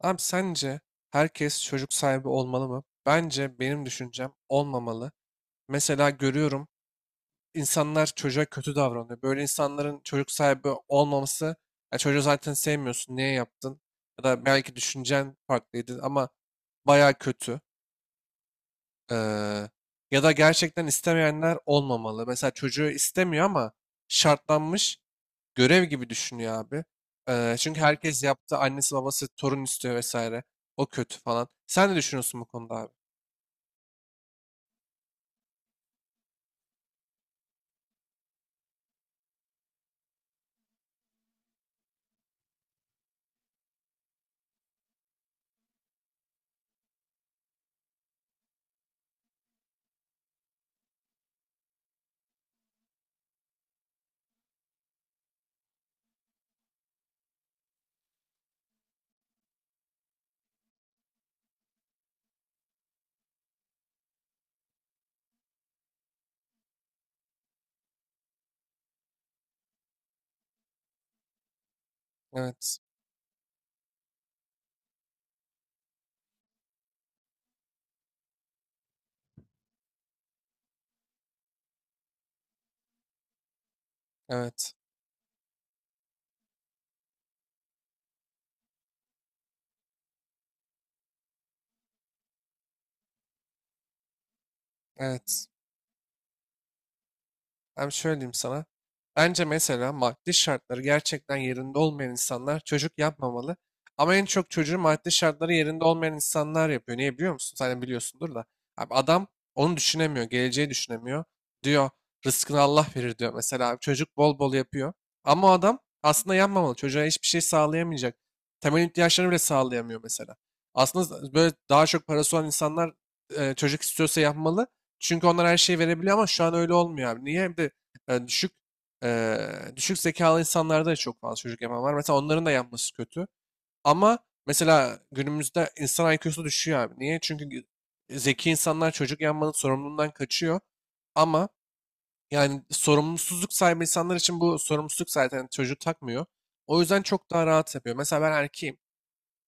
Abi sence herkes çocuk sahibi olmalı mı? Bence benim düşüncem olmamalı. Mesela görüyorum insanlar çocuğa kötü davranıyor. Böyle insanların çocuk sahibi olmaması, ya çocuğu zaten sevmiyorsun, niye yaptın? Ya da belki düşüncen farklıydı ama baya kötü. Ee, Ya da gerçekten istemeyenler olmamalı. Mesela çocuğu istemiyor ama şartlanmış görev gibi düşünüyor abi. Çünkü herkes yaptı. Annesi babası torun istiyor vesaire. O kötü falan. Sen ne düşünüyorsun bu konuda abi? Evet. Evet. Evet. Hem şöyle diyeyim sana. Bence mesela maddi şartları gerçekten yerinde olmayan insanlar çocuk yapmamalı. Ama en çok çocuğu maddi şartları yerinde olmayan insanlar yapıyor. Niye biliyor musun? Sen de biliyorsundur da. Abi adam onu düşünemiyor. Geleceği düşünemiyor. Diyor rızkını Allah verir diyor. Mesela abi çocuk bol bol yapıyor. Ama o adam aslında yapmamalı. Çocuğa hiçbir şey sağlayamayacak. Temel ihtiyaçlarını bile sağlayamıyor mesela. Aslında böyle daha çok parası olan insanlar çocuk istiyorsa yapmalı. Çünkü onlar her şeyi verebiliyor ama şu an öyle olmuyor abi. Niye? Hem de düşük e, düşük zekalı insanlarda da çok fazla çocuk yapan var. Mesela onların da yapması kötü. Ama mesela günümüzde insan IQ'su düşüyor abi. Niye? Çünkü zeki insanlar çocuk yapmanın sorumluluğundan kaçıyor. Ama yani sorumsuzluk sahibi insanlar için bu sorumsuzluk zaten çocuğu takmıyor. O yüzden çok daha rahat yapıyor. Mesela ben erkeğim.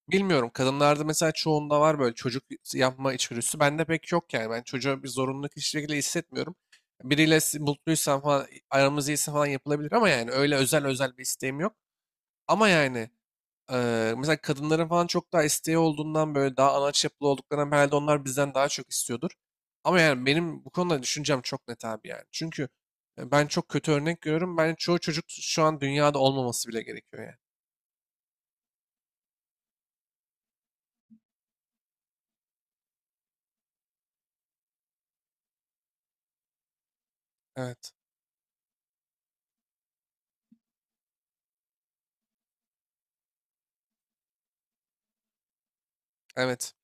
Bilmiyorum. Kadınlarda mesela çoğunda var böyle çocuk yapma içgüdüsü. Bende pek yok yani. Ben çocuğa bir zorunluluk hiçbir şekilde hissetmiyorum. Biriyle mutluysam falan, aramız iyiyse falan yapılabilir ama yani öyle özel özel bir isteğim yok. Ama yani mesela kadınların falan çok daha isteği olduğundan böyle daha anaç yapılı olduklarından herhalde onlar bizden daha çok istiyordur. Ama yani benim bu konuda düşüncem çok net abi yani. Çünkü ben çok kötü örnek görüyorum. Ben çoğu çocuk şu an dünyada olmaması bile gerekiyor yani. Evet. Evet.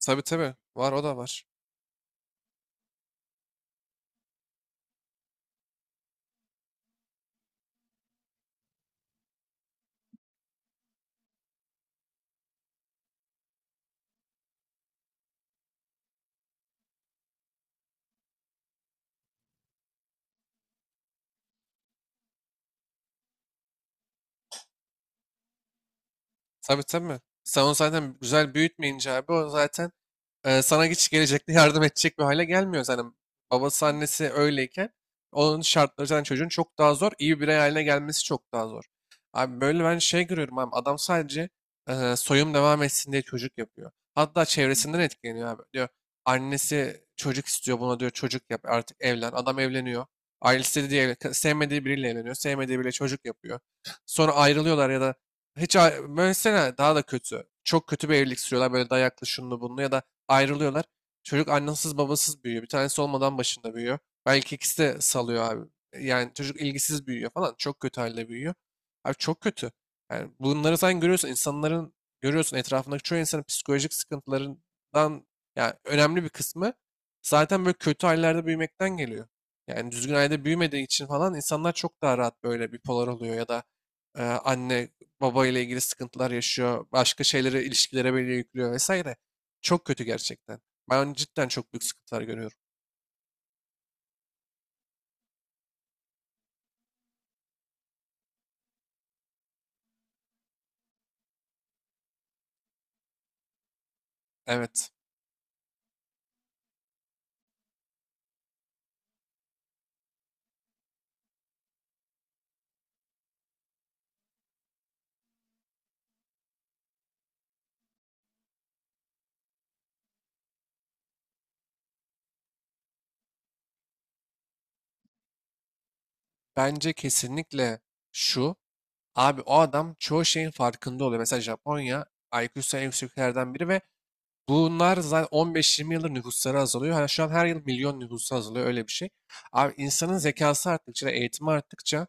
Tabii tabii. Var o da var. Tabii tabii. Sen onu zaten güzel büyütmeyince abi o zaten sana hiç gelecekte yardım edecek bir hale gelmiyor. Zaten babası annesi öyleyken onun şartları zaten çocuğun çok daha zor. İyi bir birey haline gelmesi çok daha zor. Abi böyle ben şey görüyorum abi adam sadece soyum devam etsin diye çocuk yapıyor. Hatta çevresinden etkileniyor abi. Diyor annesi çocuk istiyor buna diyor çocuk yap artık evlen. Adam evleniyor. Ailesi de diye evlen- Sevmediği biriyle evleniyor. Sevmediği biriyle çocuk yapıyor. Sonra ayrılıyorlar ya da böylesine daha da kötü. Çok kötü bir evlilik sürüyorlar böyle dayaklı şunlu bunlu ya da ayrılıyorlar. Çocuk annesiz babasız büyüyor. Bir tanesi olmadan başında büyüyor. Belki ikisi de salıyor abi. Yani çocuk ilgisiz büyüyor falan. Çok kötü halde büyüyor. Abi çok kötü. Yani bunları sen görüyorsun. İnsanların görüyorsun etrafındaki çoğu insanın psikolojik sıkıntılarından yani önemli bir kısmı zaten böyle kötü hallerde büyümekten geliyor. Yani düzgün ailede büyümediği için falan insanlar çok daha rahat böyle bipolar oluyor ya da anne baba ile ilgili sıkıntılar yaşıyor. Başka şeylere, ilişkilere böyle yüklüyor vesaire. Çok kötü gerçekten. Ben cidden çok büyük sıkıntılar görüyorum. Evet. Bence kesinlikle şu. Abi o adam çoğu şeyin farkında oluyor. Mesela Japonya IQ'su en yüksek biri ve bunlar zaten 15-20 yıldır nüfusları azalıyor. Hani şu an her yıl milyon nüfusu azalıyor öyle bir şey. Abi insanın zekası arttıkça, eğitimi arttıkça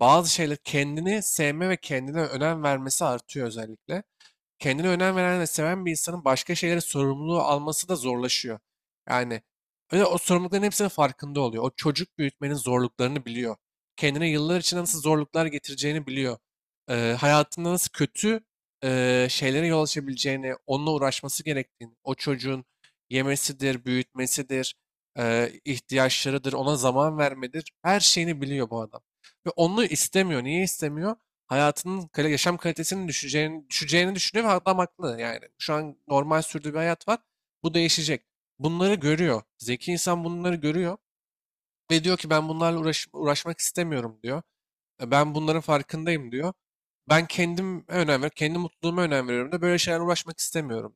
bazı şeyler kendini sevme ve kendine önem vermesi artıyor özellikle. Kendine önem veren ve seven bir insanın başka şeylere sorumluluğu alması da zorlaşıyor. Yani öyle o sorumlulukların hepsinin farkında oluyor. O çocuk büyütmenin zorluklarını biliyor. Kendine yıllar içinde nasıl zorluklar getireceğini biliyor. Hayatında nasıl kötü şeylere yol açabileceğini, onunla uğraşması gerektiğini, o çocuğun yemesidir, büyütmesidir, ihtiyaçlarıdır, ona zaman vermedir, her şeyini biliyor bu adam. Ve onu istemiyor. Niye istemiyor? Yaşam kalitesinin düşeceğini düşünüyor ve adam haklı yani. Şu an normal sürdüğü bir hayat var. Bu değişecek. Bunları görüyor. Zeki insan bunları görüyor ve diyor ki ben bunlarla uğraşmak istemiyorum diyor. " Ben bunların farkındayım diyor. Ben kendim önem veriyorum. Kendi mutluluğuma önem veriyorum da böyle şeylerle uğraşmak istemiyorum.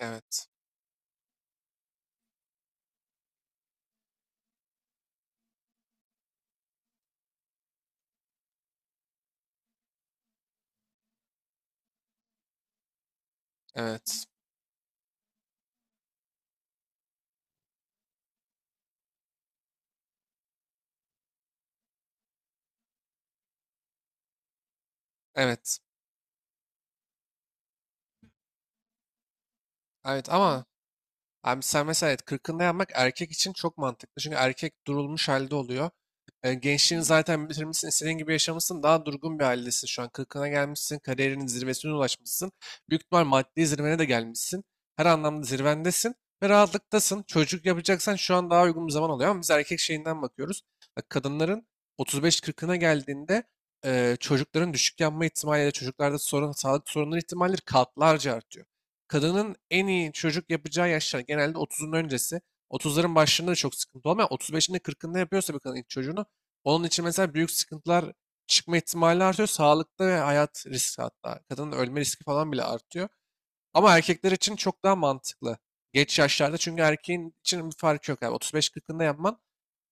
Evet. Evet. Evet. Evet ama abi sen mesela evet, kırkında yapmak erkek için çok mantıklı. Çünkü erkek durulmuş halde oluyor. Gençliğini zaten bitirmişsin, istediğin gibi yaşamışsın. Daha durgun bir haldesin şu an. Kırkına gelmişsin, kariyerinin zirvesine ulaşmışsın. Büyük ihtimal maddi zirvene de gelmişsin. Her anlamda zirvendesin ve rahatlıktasın. Çocuk yapacaksan şu an daha uygun bir zaman oluyor. Ama biz erkek şeyinden bakıyoruz. Bak, kadınların 35-40'ına geldiğinde çocukların düşük yanma ihtimali ya da çocuklarda sorun, sağlık sorunları ihtimalleri katlarca artıyor. Kadının en iyi çocuk yapacağı yaşlar genelde otuzun öncesi. Otuzların başlarında da çok sıkıntı olmuyor. Otuz beşinde, kırkında yapıyorsa bir kadın ilk çocuğunu onun için mesela büyük sıkıntılar çıkma ihtimali artıyor. Sağlıkta ve hayat riski hatta. Kadının ölme riski falan bile artıyor. Ama erkekler için çok daha mantıklı. Geç yaşlarda çünkü erkeğin için bir fark yok. Yani otuz beş kırkında yapman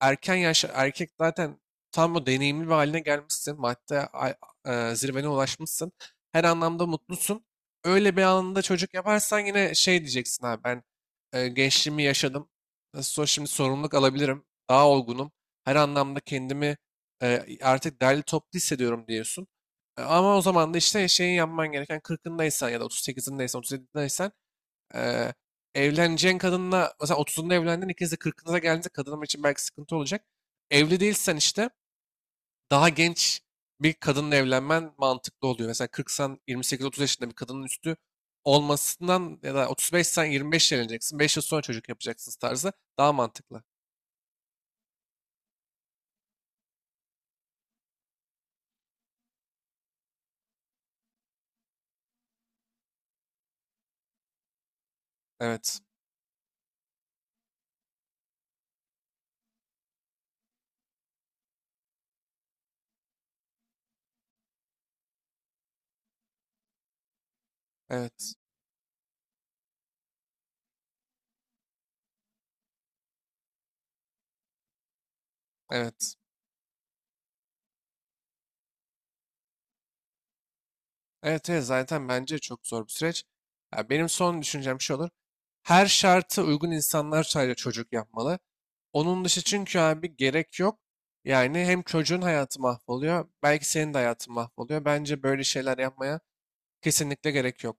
erken yaşta erkek zaten tam o deneyimli bir haline gelmişsin. Zirvene ulaşmışsın. Her anlamda mutlusun. Öyle bir anında çocuk yaparsan yine şey diyeceksin abi ben gençliğimi yaşadım. Nasıl olsa şimdi sorumluluk alabilirim. Daha olgunum. Her anlamda kendimi artık derli toplu hissediyorum diyorsun. Ama o zaman da işte şeyi yapman gereken kırkındaysan ya da otuz sekizindeysen, otuz 37'deysen Eee evleneceğin kadınla mesela 30'unda evlendin ikiniz de 40'ınıza geldiğinizde kadınım için belki sıkıntı olacak. Evli değilsen işte daha genç bir kadınla evlenmen mantıklı oluyor. Mesela kırksan, yirmi sekiz, otuz yaşında bir kadının üstü olmasından ya da 35'sen 25 evleneceksin. 5 yıl sonra çocuk yapacaksınız tarzı daha mantıklı. Evet. Evet. Evet. Evet, evet zaten bence çok zor bir süreç. Ya benim son düşüncem şu olur. Her şartı uygun insanlar sadece çocuk yapmalı. Onun dışı çünkü abi gerek yok. Yani hem çocuğun hayatı mahvoluyor, belki senin de hayatın mahvoluyor. Bence böyle şeyler yapmaya kesinlikle gerek yok.